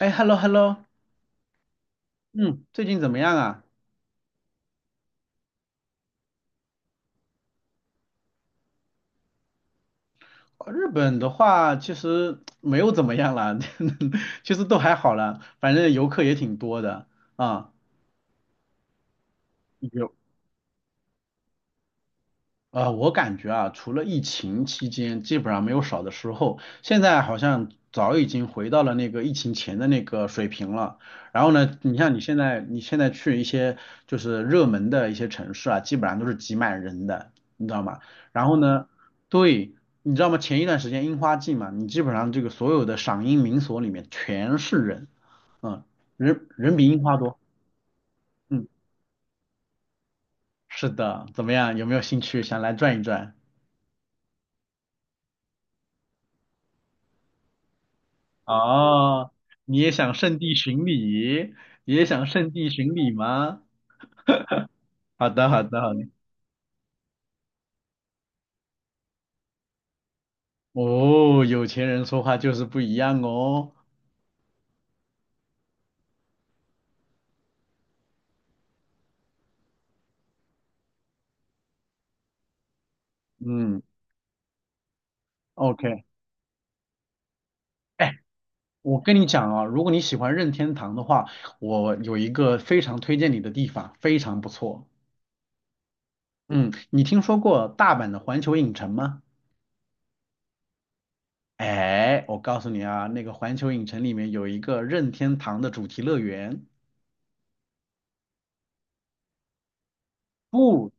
哎，hello hello，嗯，最近怎么样啊？日本的话，其实没有怎么样啦，其实都还好啦，反正游客也挺多的啊。有。我感觉啊，除了疫情期间，基本上没有少的时候。现在好像早已经回到了那个疫情前的那个水平了。然后呢，你现在去一些就是热门的一些城市啊，基本上都是挤满人的，你知道吗？然后呢，对，你知道吗？前一段时间樱花季嘛，你基本上这个所有的赏樱名所里面全是人，嗯，人人比樱花多。嗯，是的，怎么样？有没有兴趣想来转一转？哦，你也想圣地巡礼，也想圣地巡礼吗？好的，好的，好的。哦，有钱人说话就是不一样哦。嗯，OK。哎，我跟你讲啊，如果你喜欢任天堂的话，我有一个非常推荐你的地方，非常不错。嗯，你听说过大阪的环球影城吗？哎，我告诉你啊，那个环球影城里面有一个任天堂的主题乐园。不，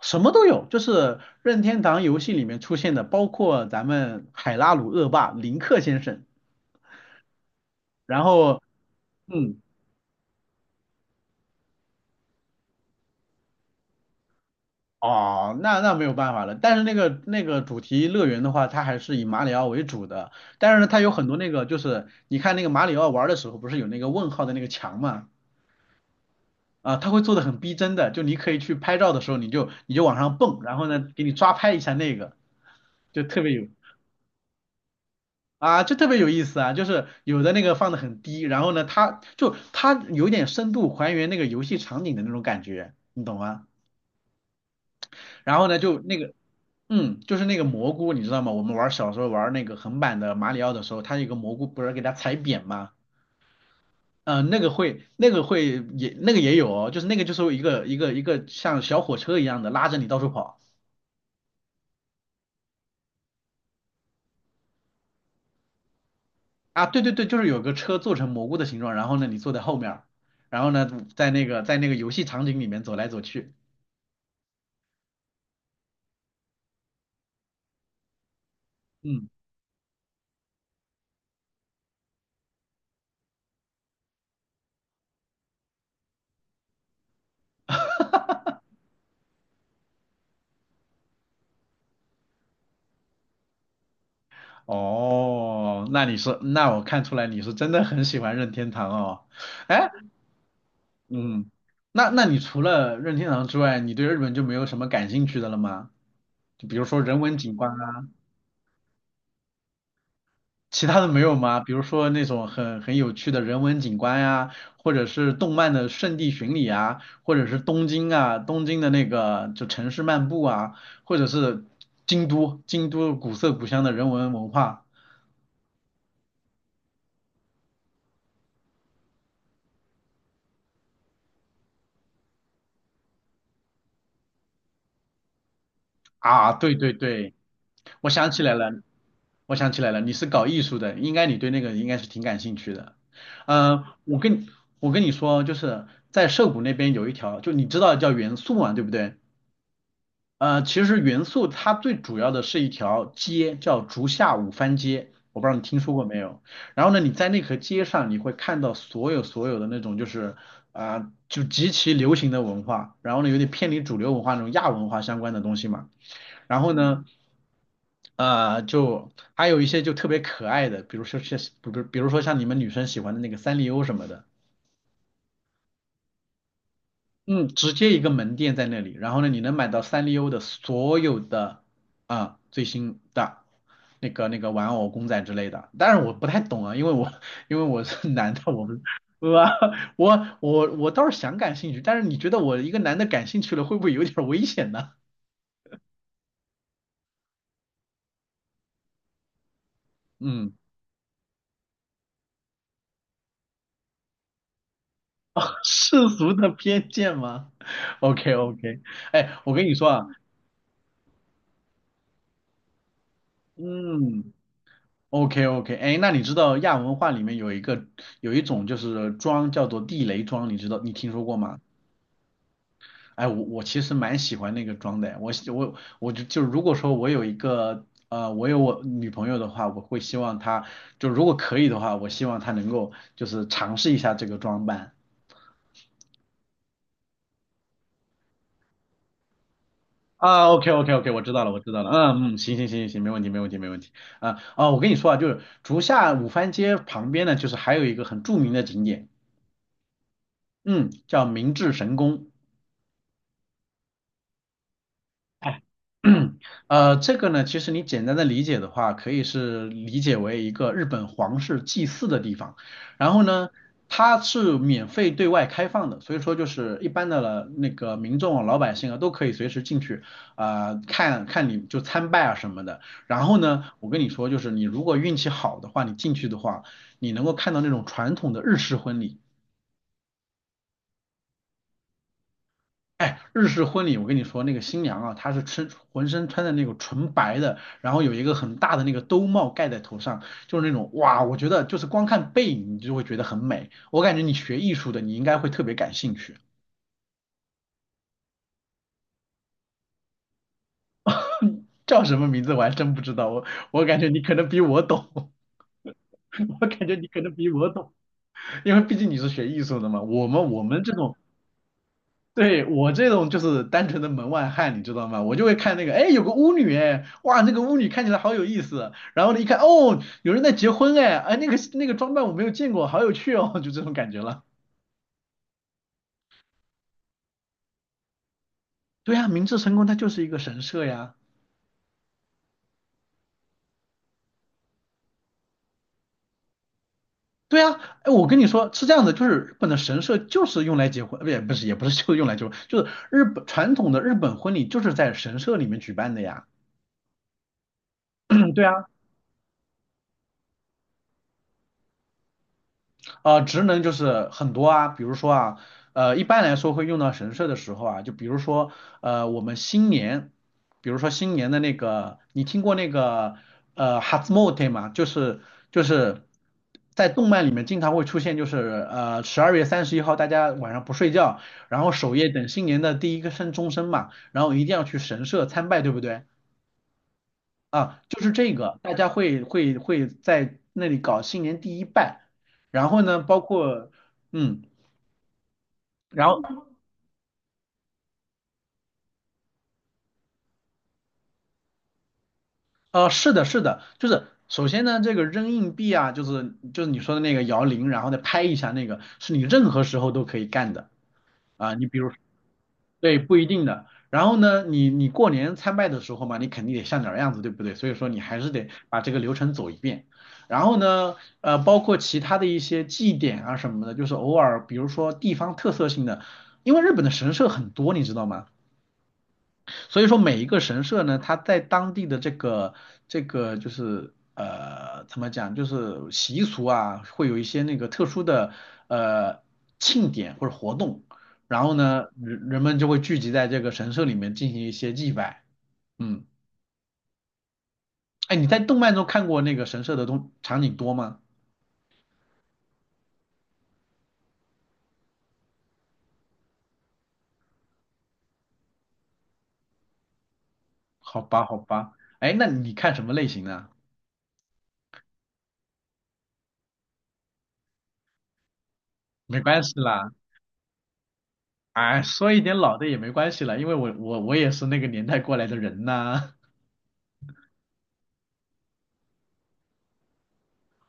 什么都有，就是任天堂游戏里面出现的，包括咱们海拉鲁恶霸林克先生。然后嗯，哦，那没有办法了。但是那个主题乐园的话，它还是以马里奥为主的，但是呢，它有很多那个就是你看那个马里奥玩的时候，不是有那个问号的那个墙嘛？啊，它会做的很逼真的，就你可以去拍照的时候，你就往上蹦，然后呢，给你抓拍一下那个，就特别有就特别有意思啊，就是有的那个放的很低，然后呢，它有点深度还原那个游戏场景的那种感觉，你懂吗？然后呢，就那个，嗯，就是那个蘑菇，你知道吗？我们小时候玩那个横版的马里奥的时候，它有个蘑菇不是给它踩扁吗？那个会也那个也有哦，就是那个就是一个像小火车一样的拉着你到处跑。啊，对对对，就是有个车做成蘑菇的形状，然后呢你坐在后面儿，然后呢在那个游戏场景里面走来走去，嗯。哦，那你是，那我看出来你是真的很喜欢任天堂哦。哎，嗯，那你除了任天堂之外，你对日本就没有什么感兴趣的了吗？就比如说人文景观啊，其他的没有吗？比如说那种很有趣的人文景观呀、或者是动漫的圣地巡礼啊，或者是东京啊，东京的那个就城市漫步啊，或者是京都，京都古色古香的人文文化。啊，对对对，我想起来了，我想起来了，你是搞艺术的，应该你对那个应该是挺感兴趣的。嗯、我跟你我跟你说，就是在涩谷那边有一条，就你知道叫元素嘛，对不对？其实元素它最主要的是一条街，叫竹下五番街，我不知道你听说过没有。然后呢，你在那条街上，你会看到所有的那种就是就极其流行的文化，然后呢，有点偏离主流文化那种亚文化相关的东西嘛。然后呢，就还有一些就特别可爱的，比如说像，比如说像你们女生喜欢的那个三丽鸥什么的，嗯，直接一个门店在那里，然后呢，你能买到三丽鸥的所有的最新的那个玩偶、公仔之类的。当然我不太懂啊，因为我 因为我是男的，我 我倒是想感兴趣，但是你觉得我一个男的感兴趣了，会不会有点危险呢？嗯，世俗的偏见吗？OK OK，哎，我跟你说啊。嗯，OK OK，哎，那你知道亚文化里面有一种就是妆叫做地雷妆，你知道你听说过吗？哎，我其实蛮喜欢那个妆的，我就如果说我有我女朋友的话，我会希望她就如果可以的话，我希望她能够就是尝试一下这个装扮。啊，OK OK OK，我知道了，我知道了，嗯嗯，行行行行行，没问题没问题没问题。啊哦，我跟你说啊，就是竹下五番街旁边呢，就是还有一个很著名的景点。嗯，叫明治神宫。哎，这个呢，其实你简单的理解的话，可以是理解为一个日本皇室祭祀的地方。然后呢，它是免费对外开放的，所以说就是一般的了那个民众啊、老百姓啊都可以随时进去看看你就参拜啊什么的。然后呢，我跟你说，就是你如果运气好的话，你进去的话，你能够看到那种传统的日式婚礼。哎，日式婚礼，我跟你说，那个新娘啊，她是浑身穿的那种纯白的，然后有一个很大的那个兜帽盖在头上，就是那种哇，我觉得就是光看背影你就会觉得很美。我感觉你学艺术的，你应该会特别感兴趣。叫什么名字我还真不知道，我我感觉你可能比我懂，我感觉你可能比我懂，因为毕竟你是学艺术的嘛。我们这种对，我这种就是单纯的门外汉，你知道吗？我就会看那个，哎，有个巫女，哎，哇，那个巫女看起来好有意思。然后呢，一看，哦，有人在结婚，哎，哎，那个装扮我没有见过，好有趣哦，就这种感觉了。对呀，明治神宫它就是一个神社呀。对呀，哎，我跟你说是这样的，就是日本的神社就是用来结婚，不也不是也不是就是用来结婚，就是日本传统的日本婚礼就是在神社里面举办的呀。嗯，对啊。职能就是很多啊，比如说啊，一般来说会用到神社的时候啊，就比如说，我们新年，比如说新年的那个，你听过那个Hatsumote 吗？就是在动漫里面经常会出现，就是12月31号大家晚上不睡觉，然后守夜等新年的第一个声钟声嘛，然后一定要去神社参拜，对不对？啊，就是这个，大家会在那里搞新年第一拜。然后呢，包括嗯，然后是的，是的，就是首先呢，这个扔硬币啊，就是你说的那个摇铃，然后再拍一下那个，是你任何时候都可以干的啊。你比如对，不一定的。然后呢，你过年参拜的时候嘛，你肯定得像点儿样子，对不对？所以说你还是得把这个流程走一遍。然后呢，包括其他的一些祭典啊什么的，就是偶尔，比如说地方特色性的，因为日本的神社很多，你知道吗？所以说每一个神社呢，它在当地的这个就是怎么讲，就是习俗啊，会有一些那个特殊的呃庆典或者活动，然后呢，人们就会聚集在这个神社里面进行一些祭拜。嗯，哎，你在动漫中看过那个神社的东场景多吗？好吧，好吧，哎，那你看什么类型呢？没关系啦，哎，说一点老的也没关系啦，因为我也是那个年代过来的人呐、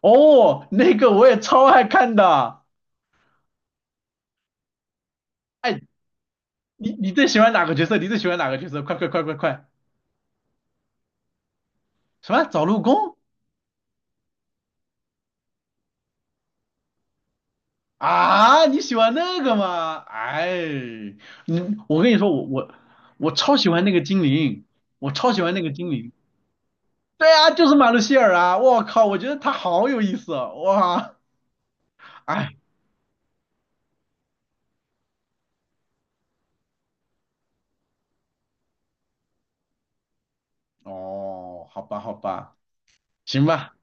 哦，那个我也超爱看的。哎，你最喜欢哪个角色？你最喜欢哪个角色？快快快快快！什么？找陆公啊？你喜欢那个吗？哎，你我跟你说，我超喜欢那个精灵，我超喜欢那个精灵。对啊，就是马路希尔啊！我靠，我觉得他好有意思哦，哇！哎，哦，好吧好吧，行吧。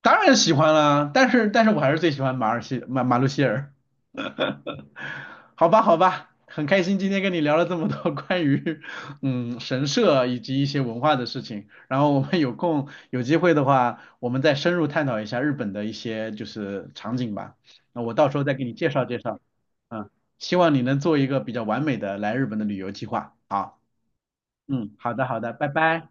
当然喜欢啦，但是我还是最喜欢马路希尔。好吧，好吧，很开心今天跟你聊了这么多 关于神社以及一些文化的事情，然后我们有空有机会的话，我们再深入探讨一下日本的一些就是场景吧。那我到时候再给你介绍介绍，嗯，希望你能做一个比较完美的来日本的旅游计划。好，嗯，好的，好的，拜拜。